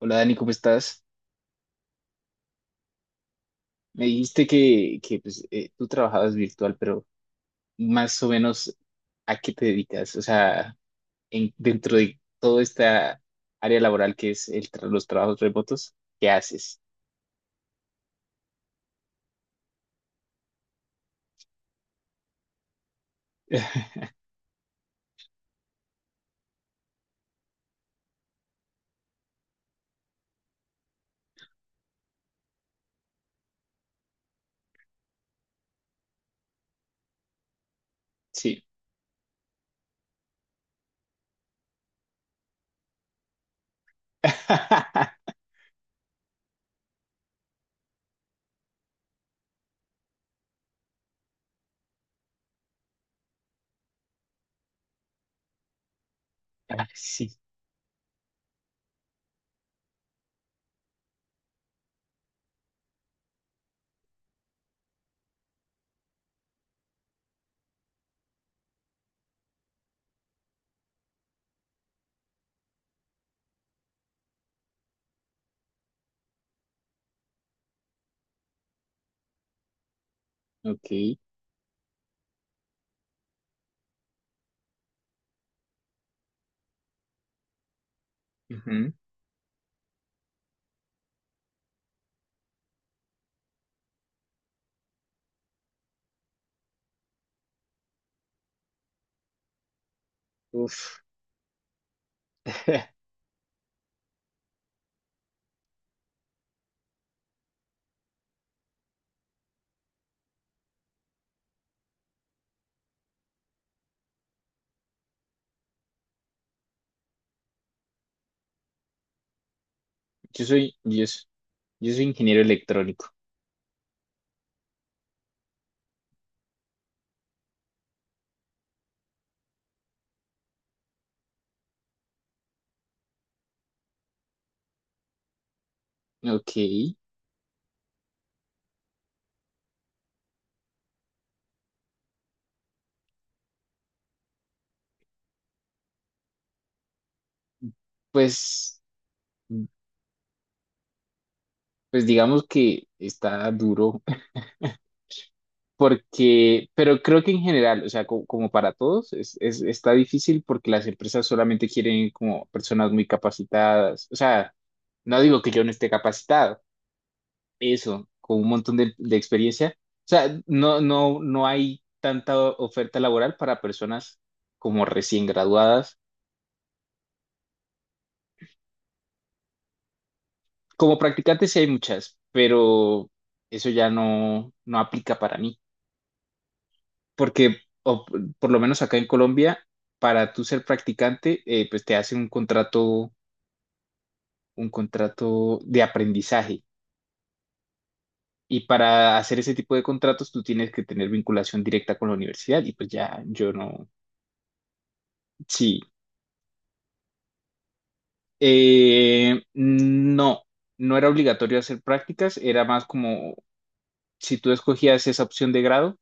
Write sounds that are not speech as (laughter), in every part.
Hola Dani, ¿cómo estás? Me dijiste que tú trabajabas virtual, pero más o menos ¿a qué te dedicas? O sea, dentro de toda esta área laboral que es los trabajos remotos, ¿qué haces? (laughs) Sí. (laughs) Ah, sí, ok. Ujú. Uf. (laughs) Yo soy, yo, s- yo soy ingeniero electrónico. Ok. Pues, pues digamos que está duro. Pero creo que en general, o sea, como, para todos, está difícil porque las empresas solamente quieren como personas muy capacitadas. O sea, no digo que yo no esté capacitado, eso, con un montón de experiencia. O sea, no hay tanta oferta laboral para personas como recién graduadas. Como practicantes sí hay muchas, pero eso ya no aplica para mí. Porque o p- por lo menos acá en Colombia, para tú ser practicante, pues te hacen un contrato de aprendizaje. Y para hacer ese tipo de contratos, tú tienes que tener vinculación directa con la universidad. Y pues ya, yo no. Sí. No, no era obligatorio hacer prácticas, era más como si tú escogías esa opción de grado,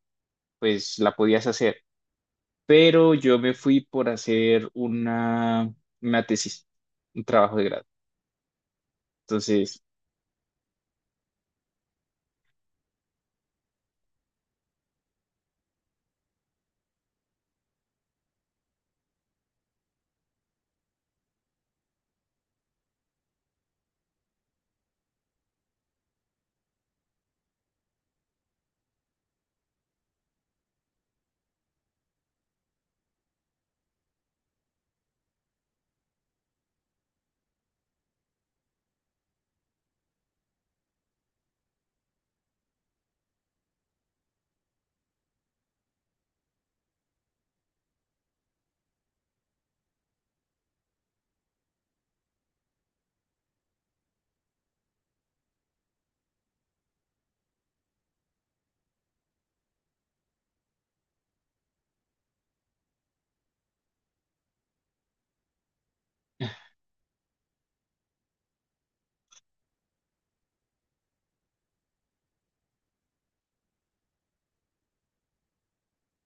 pues la podías hacer. Pero yo me fui por hacer una tesis, un trabajo de grado. Entonces,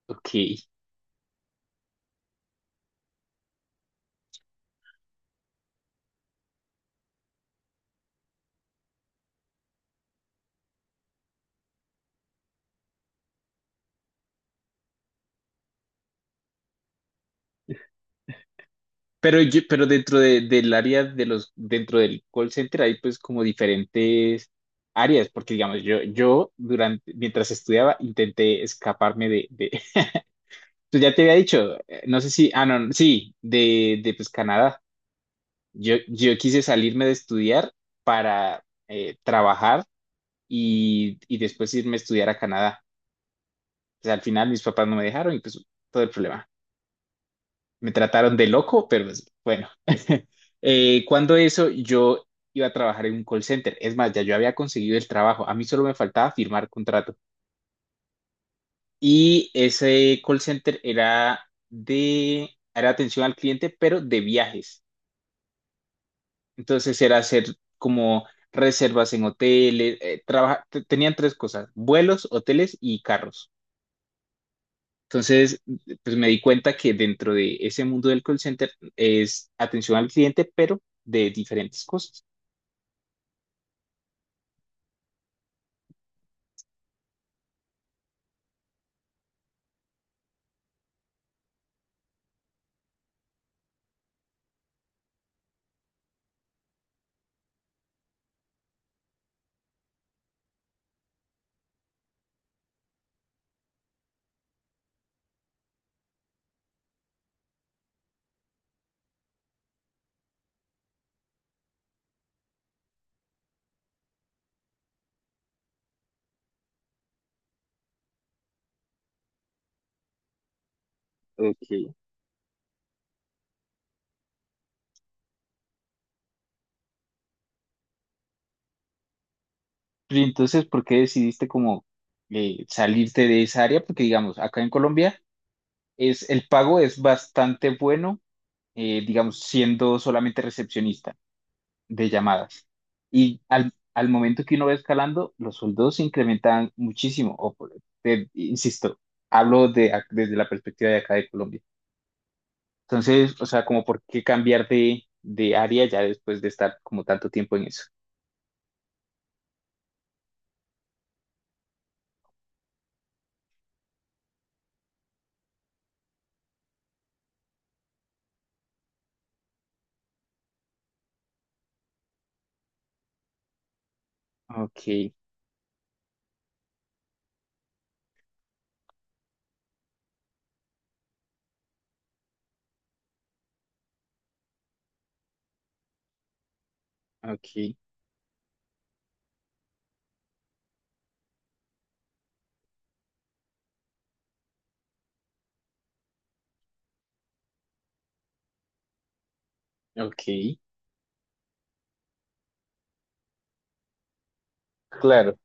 ok. Pero yo, pero dentro del área de los, dentro del call center hay pues como diferentes áreas, porque digamos, yo durante, mientras estudiaba intenté escaparme (laughs) tú ya te había dicho, no sé si, ah, no, sí, de pues Canadá. Yo quise salirme de estudiar para trabajar y después irme a estudiar a Canadá. Pues al final mis papás no me dejaron y pues todo el problema. Me trataron de loco, pero pues, bueno. (laughs) Cuando eso, yo iba a trabajar en un call center. Es más, ya yo había conseguido el trabajo. A mí solo me faltaba firmar contrato. Y ese call center era de, era atención al cliente, pero de viajes. Entonces era hacer como reservas en hoteles. Eh, tenían tres cosas: vuelos, hoteles y carros. Entonces, pues me di cuenta que dentro de ese mundo del call center es atención al cliente, pero de diferentes cosas. Ok. Y entonces, ¿por qué decidiste como salirte de esa área? Porque, digamos, acá en Colombia es, el pago es bastante bueno, digamos, siendo solamente recepcionista de llamadas. Y al momento que uno va escalando, los sueldos se incrementan muchísimo. Insisto, hablo de, desde la perspectiva de acá de Colombia. Entonces, o sea, como por qué cambiar de área ya después de estar como tanto tiempo en eso. Ok, ok, ok, claro,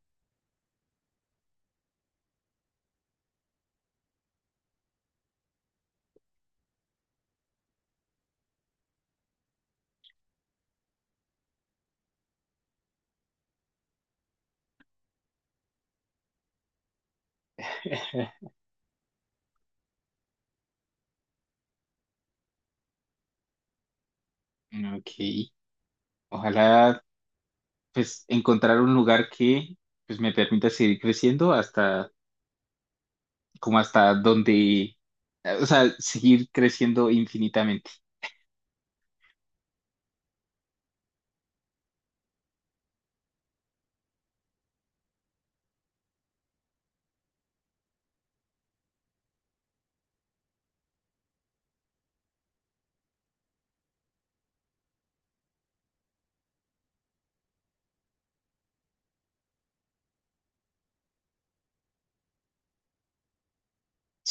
(laughs) ok. Ojalá pues encontrar un lugar que pues me permita seguir creciendo hasta como hasta donde, o sea, seguir creciendo infinitamente.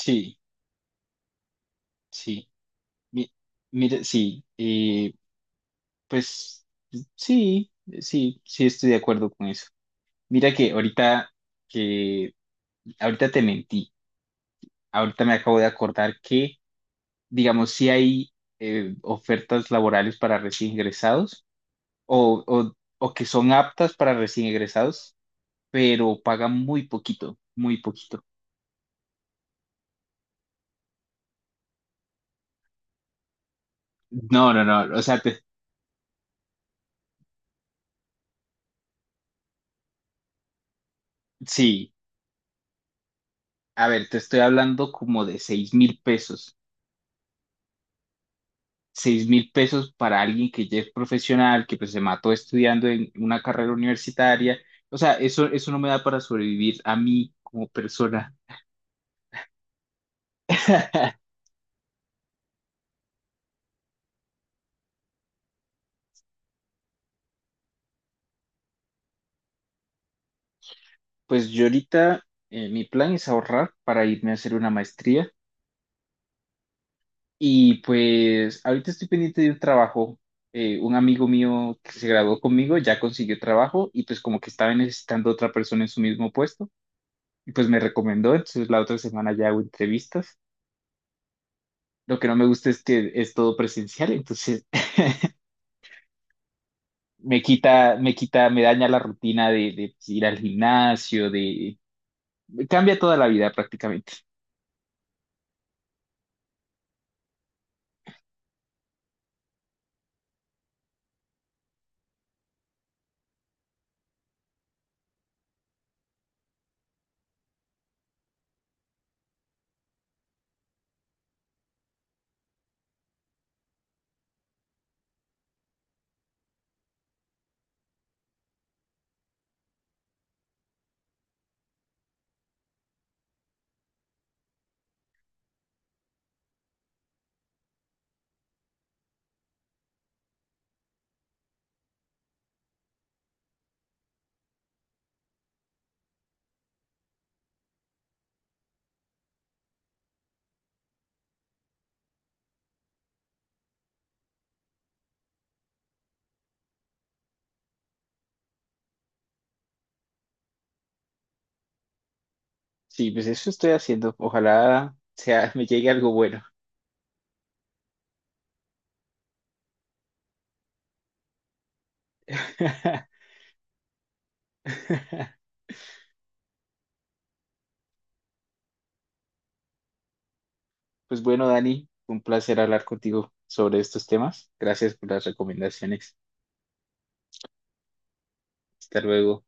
Sí, sí. Mi- Mira, sí, pues sí, sí estoy de acuerdo con eso. Mira que ahorita que ahorita te mentí. Ahorita me acabo de acordar que, digamos, si hay ofertas laborales para recién ingresados o, o, o que son aptas para recién ingresados, pero pagan muy poquito, muy poquito. No, no, no. O sea, sí. A ver, te estoy hablando como de 6000 pesos. Seis mil pesos para alguien que ya es profesional, que pues se mató estudiando en una carrera universitaria. O sea, eso no me da para sobrevivir a mí como persona. (laughs) Pues yo ahorita mi plan es ahorrar para irme a hacer una maestría y pues ahorita estoy pendiente de un trabajo. Un amigo mío que se graduó conmigo ya consiguió trabajo y pues como que estaba necesitando otra persona en su mismo puesto y pues me recomendó, entonces la otra semana ya hago entrevistas. Lo que no me gusta es que es todo presencial, entonces (laughs) me quita, me daña la rutina de ir al gimnasio, de... Cambia toda la vida prácticamente. Sí, pues eso estoy haciendo. Ojalá sea, (laughs) me llegue algo bueno. (laughs) Pues bueno, Dani, un placer hablar contigo sobre estos temas. Gracias por las recomendaciones. Hasta luego.